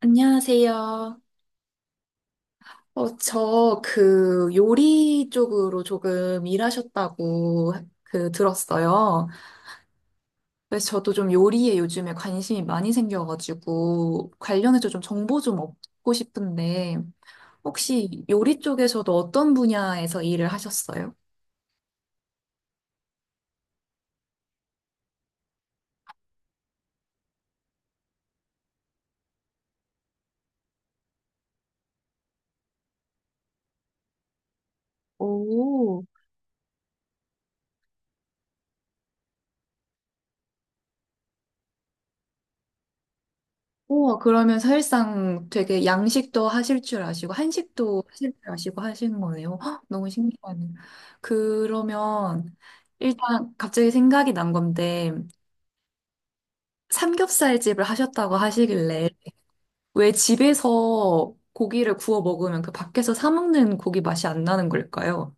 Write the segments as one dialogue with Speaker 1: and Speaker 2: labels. Speaker 1: 안녕하세요. 저 그 요리 쪽으로 조금 일하셨다고 그 들었어요. 그래서 저도 좀 요리에 요즘에 관심이 많이 생겨가지고 관련해서 좀 정보 좀 얻고 싶은데 혹시 요리 쪽에서도 어떤 분야에서 일을 하셨어요? 오. 우와, 그러면 사실상 되게 양식도 하실 줄 아시고, 한식도 하실 줄 아시고 하시는 거네요. 헉, 너무 신기하네요. 그러면 일단 갑자기 생각이 난 건데, 삼겹살 집을 하셨다고 하시길래, 왜 집에서 고기를 구워 먹으면 그 밖에서 사 먹는 고기 맛이 안 나는 걸까요?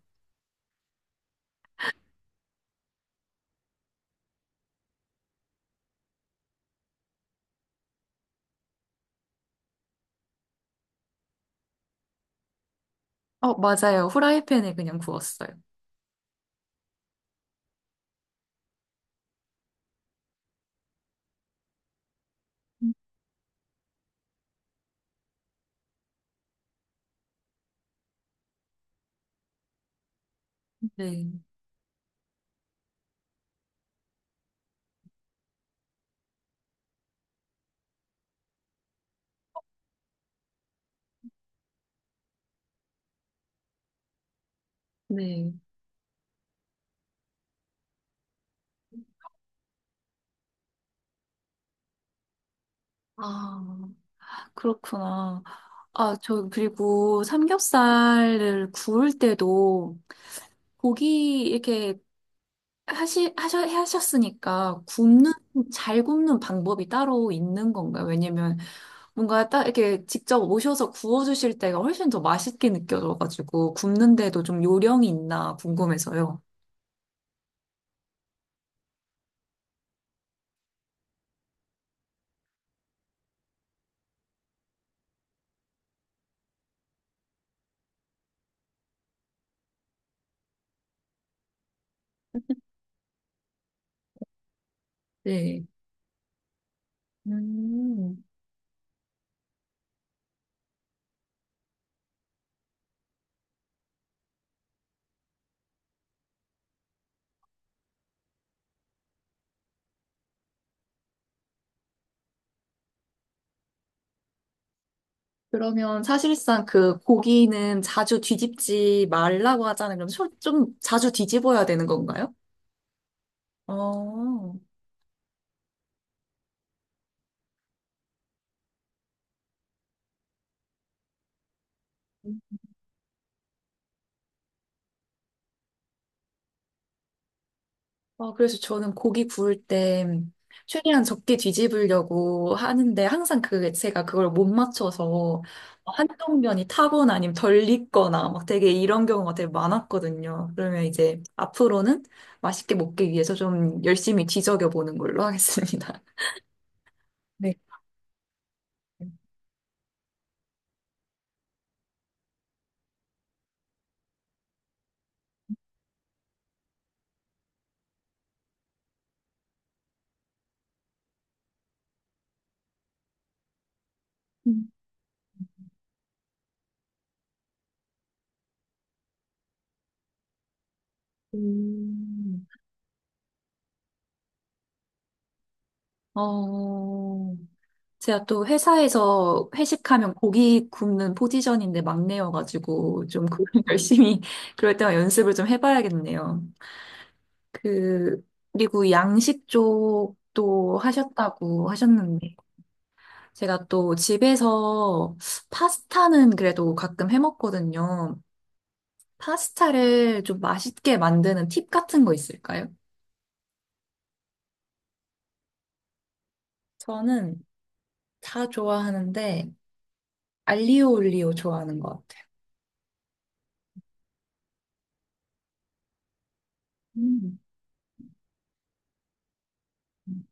Speaker 1: 어, 맞아요. 후라이팬에 그냥 구웠어요. 네, 네. 아, 그렇구나. 아, 저, 그리고 삼겹살을 구울 때도 고기 이렇게 하셨으니까 잘 굽는 방법이 따로 있는 건가요? 왜냐면 뭔가 딱 이렇게 직접 오셔서 구워주실 때가 훨씬 더 맛있게 느껴져가지고 굽는데도 좀 요령이 있나 궁금해서요. 네. 음, 그러면 사실상 그 고기는 자주 뒤집지 말라고 하잖아요. 그럼 좀 자주 뒤집어야 되는 건가요? 어. 어, 그래서 저는 고기 구울 때 최대한 적게 뒤집으려고 하는데 항상 그 제가 그걸 못 맞춰서 한쪽 면이 타거나 아니면 덜 익거나 막 되게 이런 경우가 되게 많았거든요. 그러면 이제 앞으로는 맛있게 먹기 위해서 좀 열심히 뒤적여 보는 걸로 하겠습니다. 네. 음. 어, 제가 또 회사에서 회식하면 고기 굽는 포지션인데 막내여가지고 좀 그걸 열심히 그럴 때만 연습을 좀 해봐야겠네요. 그, 그리고 양식 쪽도 하셨다고 하셨는데 제가 또 집에서 파스타는 그래도 가끔 해먹거든요. 파스타를 좀 맛있게 만드는 팁 같은 거 있을까요? 저는 다 좋아하는데 알리오 올리오 좋아하는 것 같아요. 음. 음,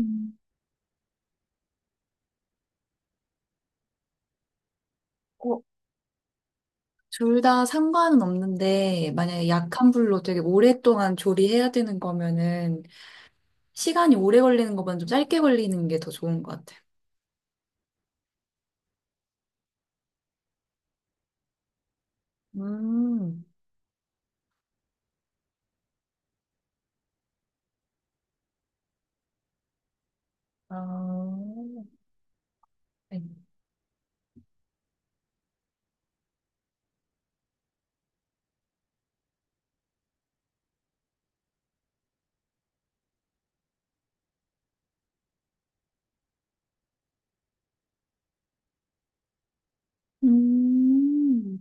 Speaker 1: 음. 어, 둘 다 상관은 없는데, 만약에 약한 불로 되게 오랫동안 조리해야 되는 거면은, 시간이 오래 걸리는 것보다 좀 짧게 걸리는 게 더 좋은 것 같아요. 음, 아, 네. 음,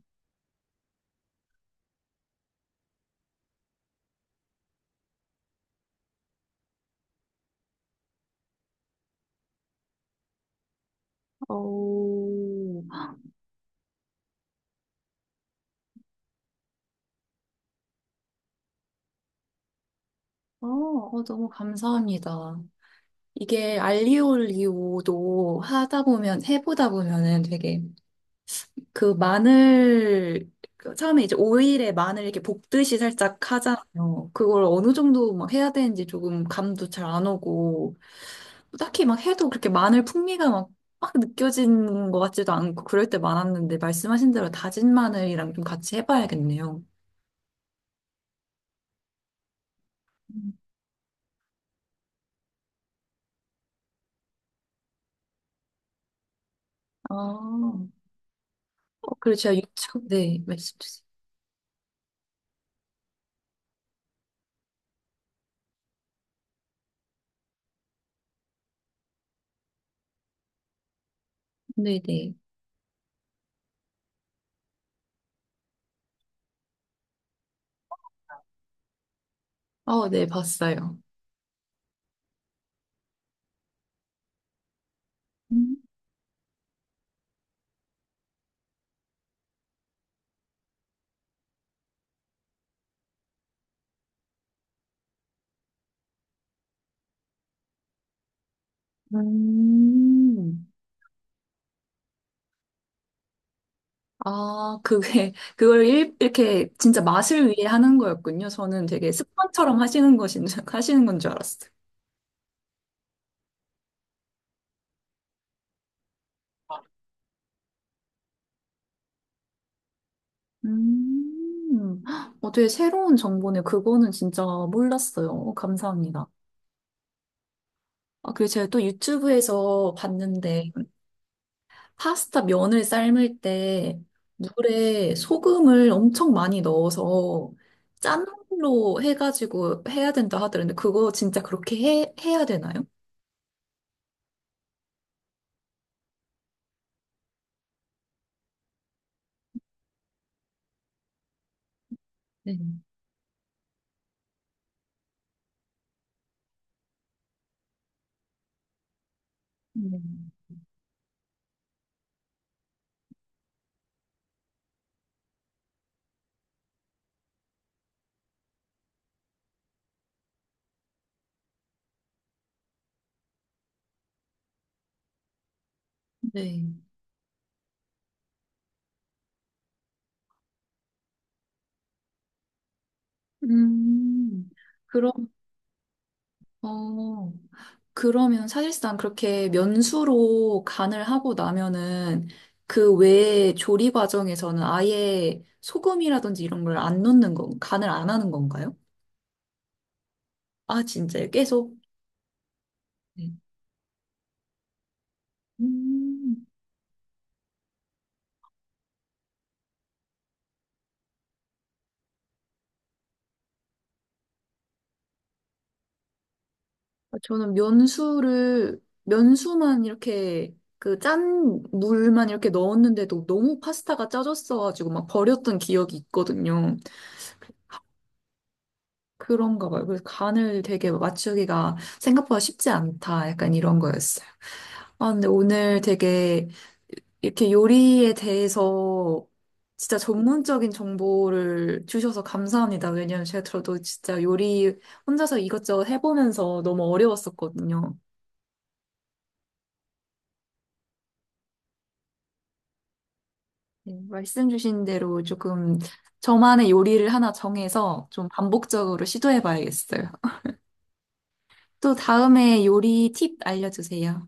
Speaker 1: 오. 어, 어, 너무 감사합니다. 이게 알리오 올리오도 해보다 보면은 되게 그 마늘 그 처음에 이제 오일에 마늘 이렇게 볶듯이 살짝 하잖아요. 그걸 어느 정도 막 해야 되는지 조금 감도 잘 안 오고 딱히 막 해도 그렇게 마늘 풍미가 막 느껴지는 것 같지도 않고 그럴 때 많았는데 말씀하신 대로 다진 마늘이랑 좀 같이 해봐야겠네요. 음. 아, 어, 그리고 제가 유튜브, 네, 말씀 주세요. 네, 네. 어, 네, 봤어요. 음. 음. 아, 그게, 이렇게 진짜 맛을 위해 하는 거였군요. 저는 되게 습관처럼 하시는 건 줄 알았어요. 음, 어, 되게 새로운 정보네. 그거는 진짜 몰랐어요. 어, 감사합니다. 아, 그리고 제가 또 유튜브에서 봤는데, 파스타 면을 삶을 때 물에 소금을 엄청 많이 넣어서 짠 물로 해가지고 해야 된다 하더라는데, 그거 진짜 그렇게 해야 되나요? 네. 네. 음. 네. 음, 그럼, 어, 그러면 사실상 그렇게 면수로 간을 하고 나면은 그 외에 조리 과정에서는 아예 소금이라든지 이런 걸 안 넣는 건, 간을 안 하는 건가요? 아, 진짜요? 계속? 네. 음, 저는 면수만 이렇게 그 짠 물만 이렇게 넣었는데도 너무 파스타가 짜졌어가지고 막 버렸던 기억이 있거든요. 그런가 봐요. 그래서 간을 되게 맞추기가 생각보다 쉽지 않다. 약간 이런 거였어요. 아, 근데 오늘 되게 이렇게 요리에 대해서 진짜 전문적인 정보를 주셔서 감사합니다. 왜냐면 제가 저도 진짜 요리 혼자서 이것저것 해보면서 너무 어려웠었거든요. 네, 말씀 주신 대로 조금 저만의 요리를 하나 정해서 좀 반복적으로 시도해봐야겠어요. 또 다음에 요리 팁 알려주세요.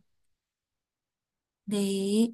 Speaker 1: 네.